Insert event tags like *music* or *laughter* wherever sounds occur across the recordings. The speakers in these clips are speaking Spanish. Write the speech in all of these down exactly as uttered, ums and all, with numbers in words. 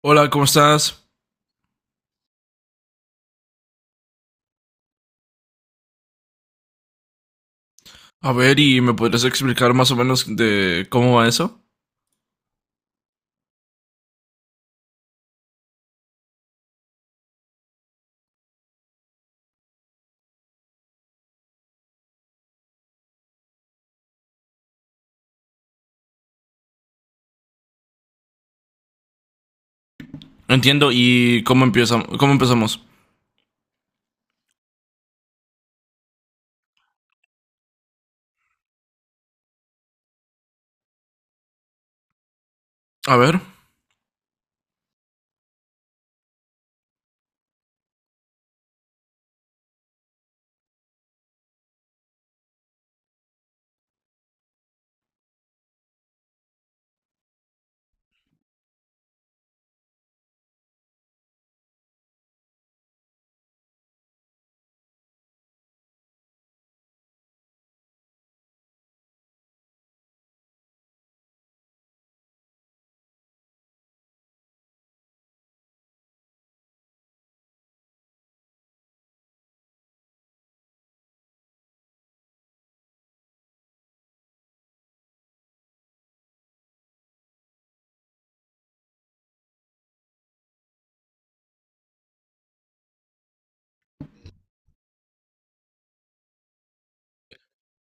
Hola, ¿cómo estás? A ver, ¿y me podrías explicar más o menos de cómo va eso? Entiendo, ¿y cómo empieza, cómo empezamos? A ver.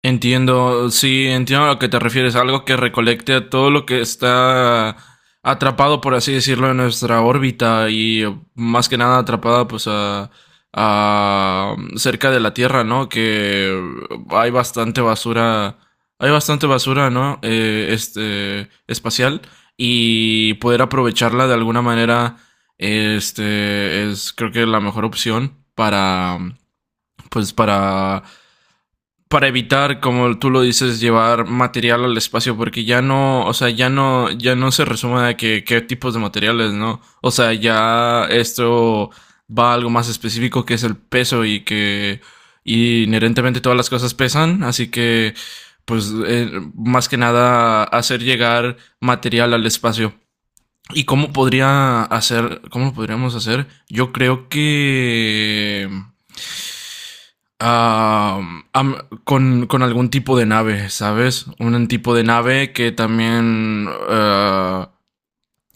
Entiendo, sí, entiendo a lo que te refieres, algo que recolecte todo lo que está atrapado, por así decirlo, en nuestra órbita y más que nada atrapada pues a, a cerca de la Tierra, ¿no? Que hay bastante basura, hay bastante basura, ¿no? Eh, este espacial y poder aprovecharla de alguna manera, este es creo que la mejor opción para pues para para evitar, como tú lo dices, llevar material al espacio, porque ya no, o sea, ya no, ya no se resume a que, qué tipos de materiales, ¿no? O sea, ya esto va a algo más específico que es el peso y que y inherentemente todas las cosas pesan, así que pues eh, más que nada hacer llegar material al espacio. ¿Y cómo podría hacer, cómo lo podríamos hacer? Yo creo que ah, am- con, con algún tipo de nave, ¿sabes? Un tipo de nave que también ah,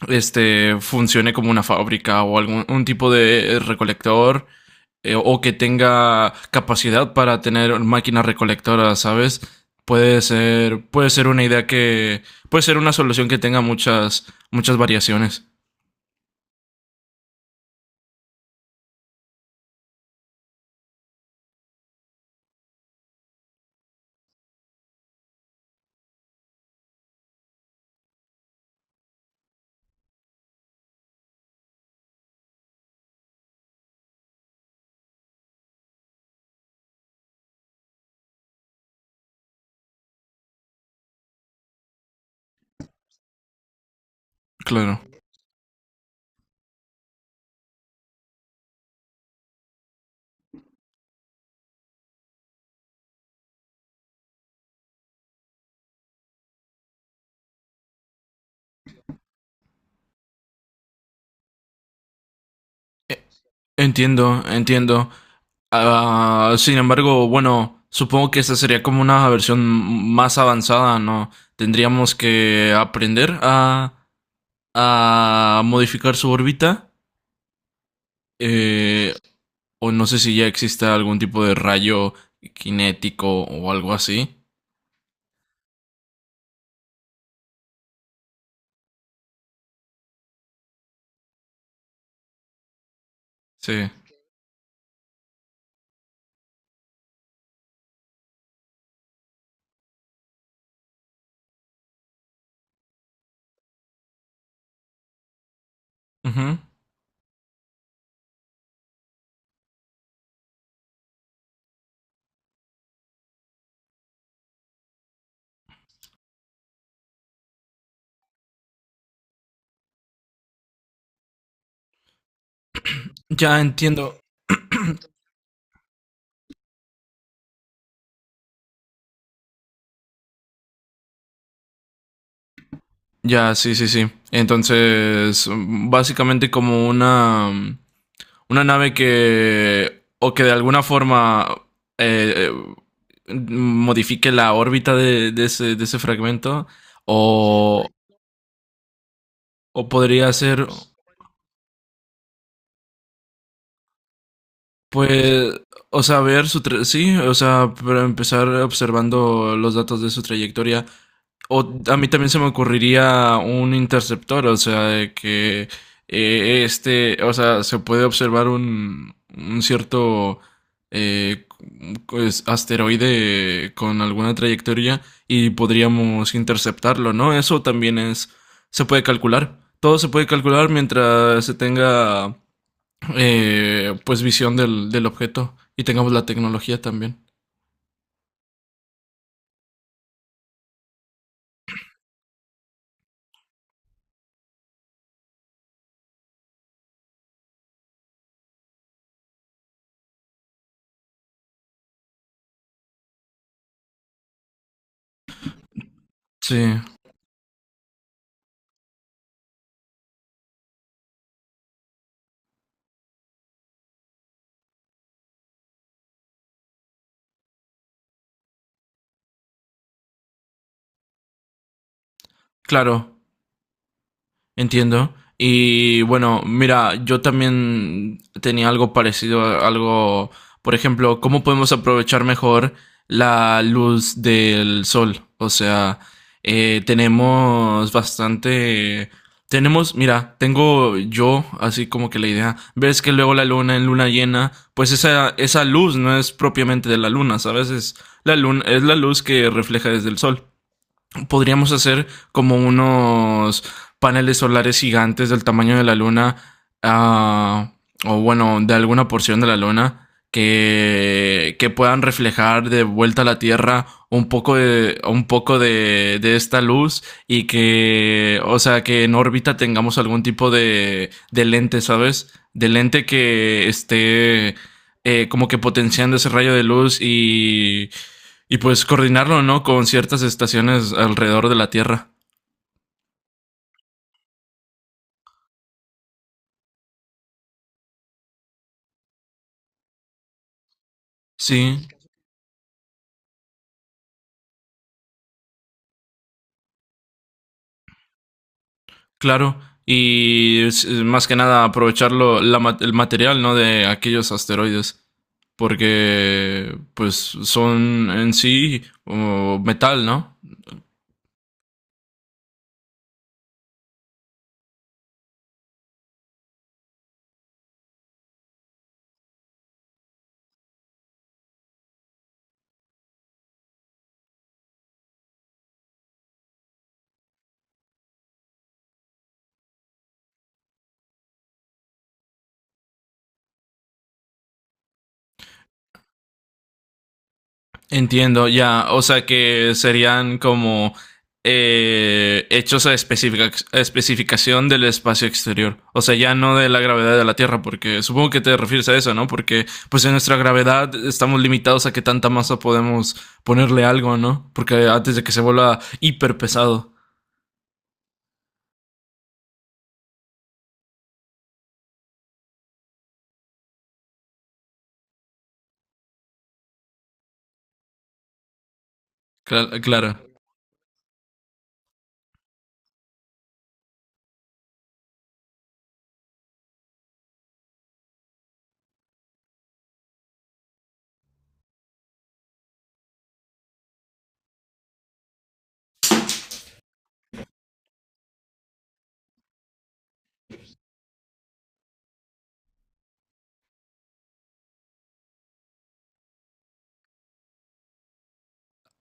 este, funcione como una fábrica o algún un tipo de recolector eh, o que tenga capacidad para tener máquinas recolectoras, ¿sabes? Puede ser, puede ser una idea que, puede ser una solución que tenga muchas, muchas variaciones. Claro. E- Entiendo, entiendo. Ah, sin embargo, bueno, supongo que esta sería como una versión más avanzada, ¿no? Tendríamos que aprender a, a modificar su órbita. eh, o no sé si ya existe algún tipo de rayo cinético o algo así. Sí. Ujú. Ya entiendo. *clears throat* Ya, sí, sí, sí. Entonces, mm, básicamente como una, mm, una nave que, o que de alguna forma, eh, eh, modifique la órbita de, de ese, de ese fragmento, o, o podría ser, pues, o sea, ver su, tra- sí, o sea, para empezar observando los datos de su trayectoria. O a mí también se me ocurriría un interceptor, o sea, de que eh, este, o sea, se puede observar un, un cierto eh, pues, asteroide con alguna trayectoria y podríamos interceptarlo, ¿no? Eso también es, se puede calcular. Todo se puede calcular mientras se tenga, eh, pues, visión del, del objeto y tengamos la tecnología también. Sí, claro. Entiendo. Y bueno, mira, yo también tenía algo parecido, a- algo, por ejemplo, ¿cómo podemos aprovechar mejor la luz del sol? O sea, eh, tenemos bastante, tenemos, mira, tengo yo así como que la idea, ves que luego la luna en luna llena, pues esa, esa luz no es propiamente de la luna, ¿sabes? Es la luna, es la luz que refleja desde el sol. Podríamos hacer como unos paneles solares gigantes del tamaño de la luna, ah, o bueno, de alguna porción de la luna, que, que puedan reflejar de vuelta a la Tierra un poco de, un poco de, de esta luz y que, o sea, que en órbita tengamos algún tipo de, de lente, ¿sabes? De lente que esté eh, como que potenciando ese rayo de luz y, y pues coordinarlo, ¿no? Con ciertas estaciones alrededor de la Tierra. Sí, claro. Y es- más que nada aprovecharlo, la ma- el material, ¿no? De aquellos asteroides. Porque, pues, son en sí o metal, ¿no? Entiendo, ya. O sea que serían como eh, hechos a, especifica- especificación del espacio exterior. O sea, ya no de la gravedad de la Tierra, porque supongo que te refieres a eso, ¿no? Porque pues en nuestra gravedad estamos limitados a qué tanta masa podemos ponerle algo, ¿no? Porque antes de que se vuelva hiper pesado. Cla- Claro.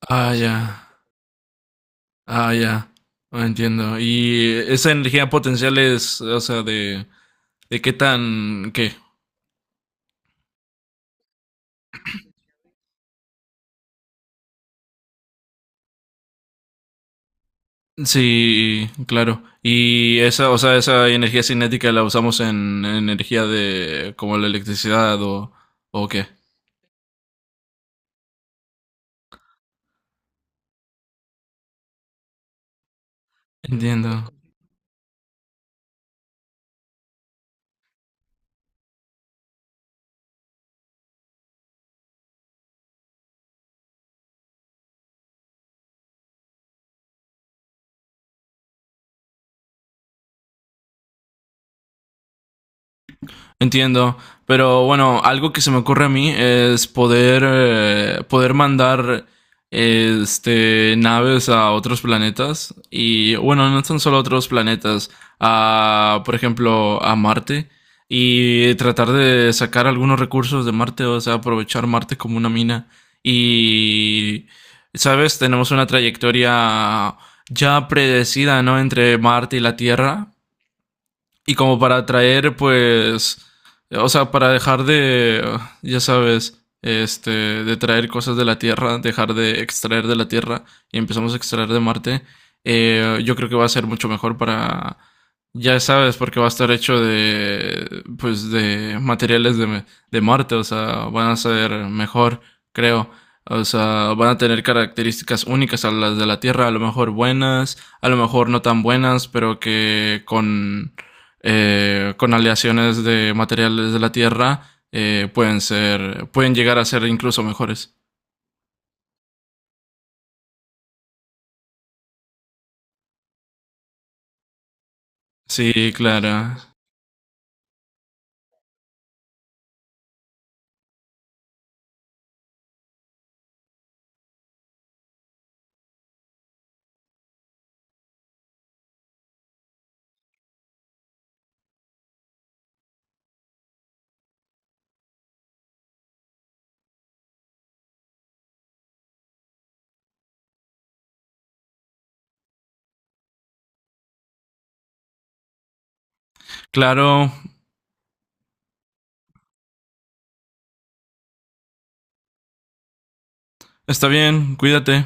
Ah, ya. Ah, ya. Ah, entiendo. Y esa energía potencial es, o sea, de, de qué tan, qué, sí, claro. Y esa, o sea, esa energía cinética la usamos en, en energía de como la electricidad o, o qué. Entiendo. Entiendo, pero bueno, algo que se me ocurre a mí es poder, eh, poder mandar este, naves a otros planetas y bueno, no son solo otros planetas, a, por ejemplo, a Marte y tratar de sacar algunos recursos de Marte, o sea, aprovechar Marte como una mina y, ¿sabes? Tenemos una trayectoria ya predecida, ¿no? Entre Marte y la Tierra y como para traer pues, o sea, para dejar de, ya sabes, este, de traer cosas de la Tierra, dejar de extraer de la Tierra y empezamos a extraer de Marte, eh, yo creo que va a ser mucho mejor para, ya sabes, porque va a estar hecho de, pues, de materiales de, de Marte, o sea, van a ser mejor, creo. O sea, van a tener características únicas a las de la Tierra, a lo mejor buenas, a lo mejor no tan buenas, pero que con eh, con aleaciones de materiales de la Tierra eh, pueden ser, pueden llegar a ser incluso mejores. Sí, claro. Claro, está bien, cuídate.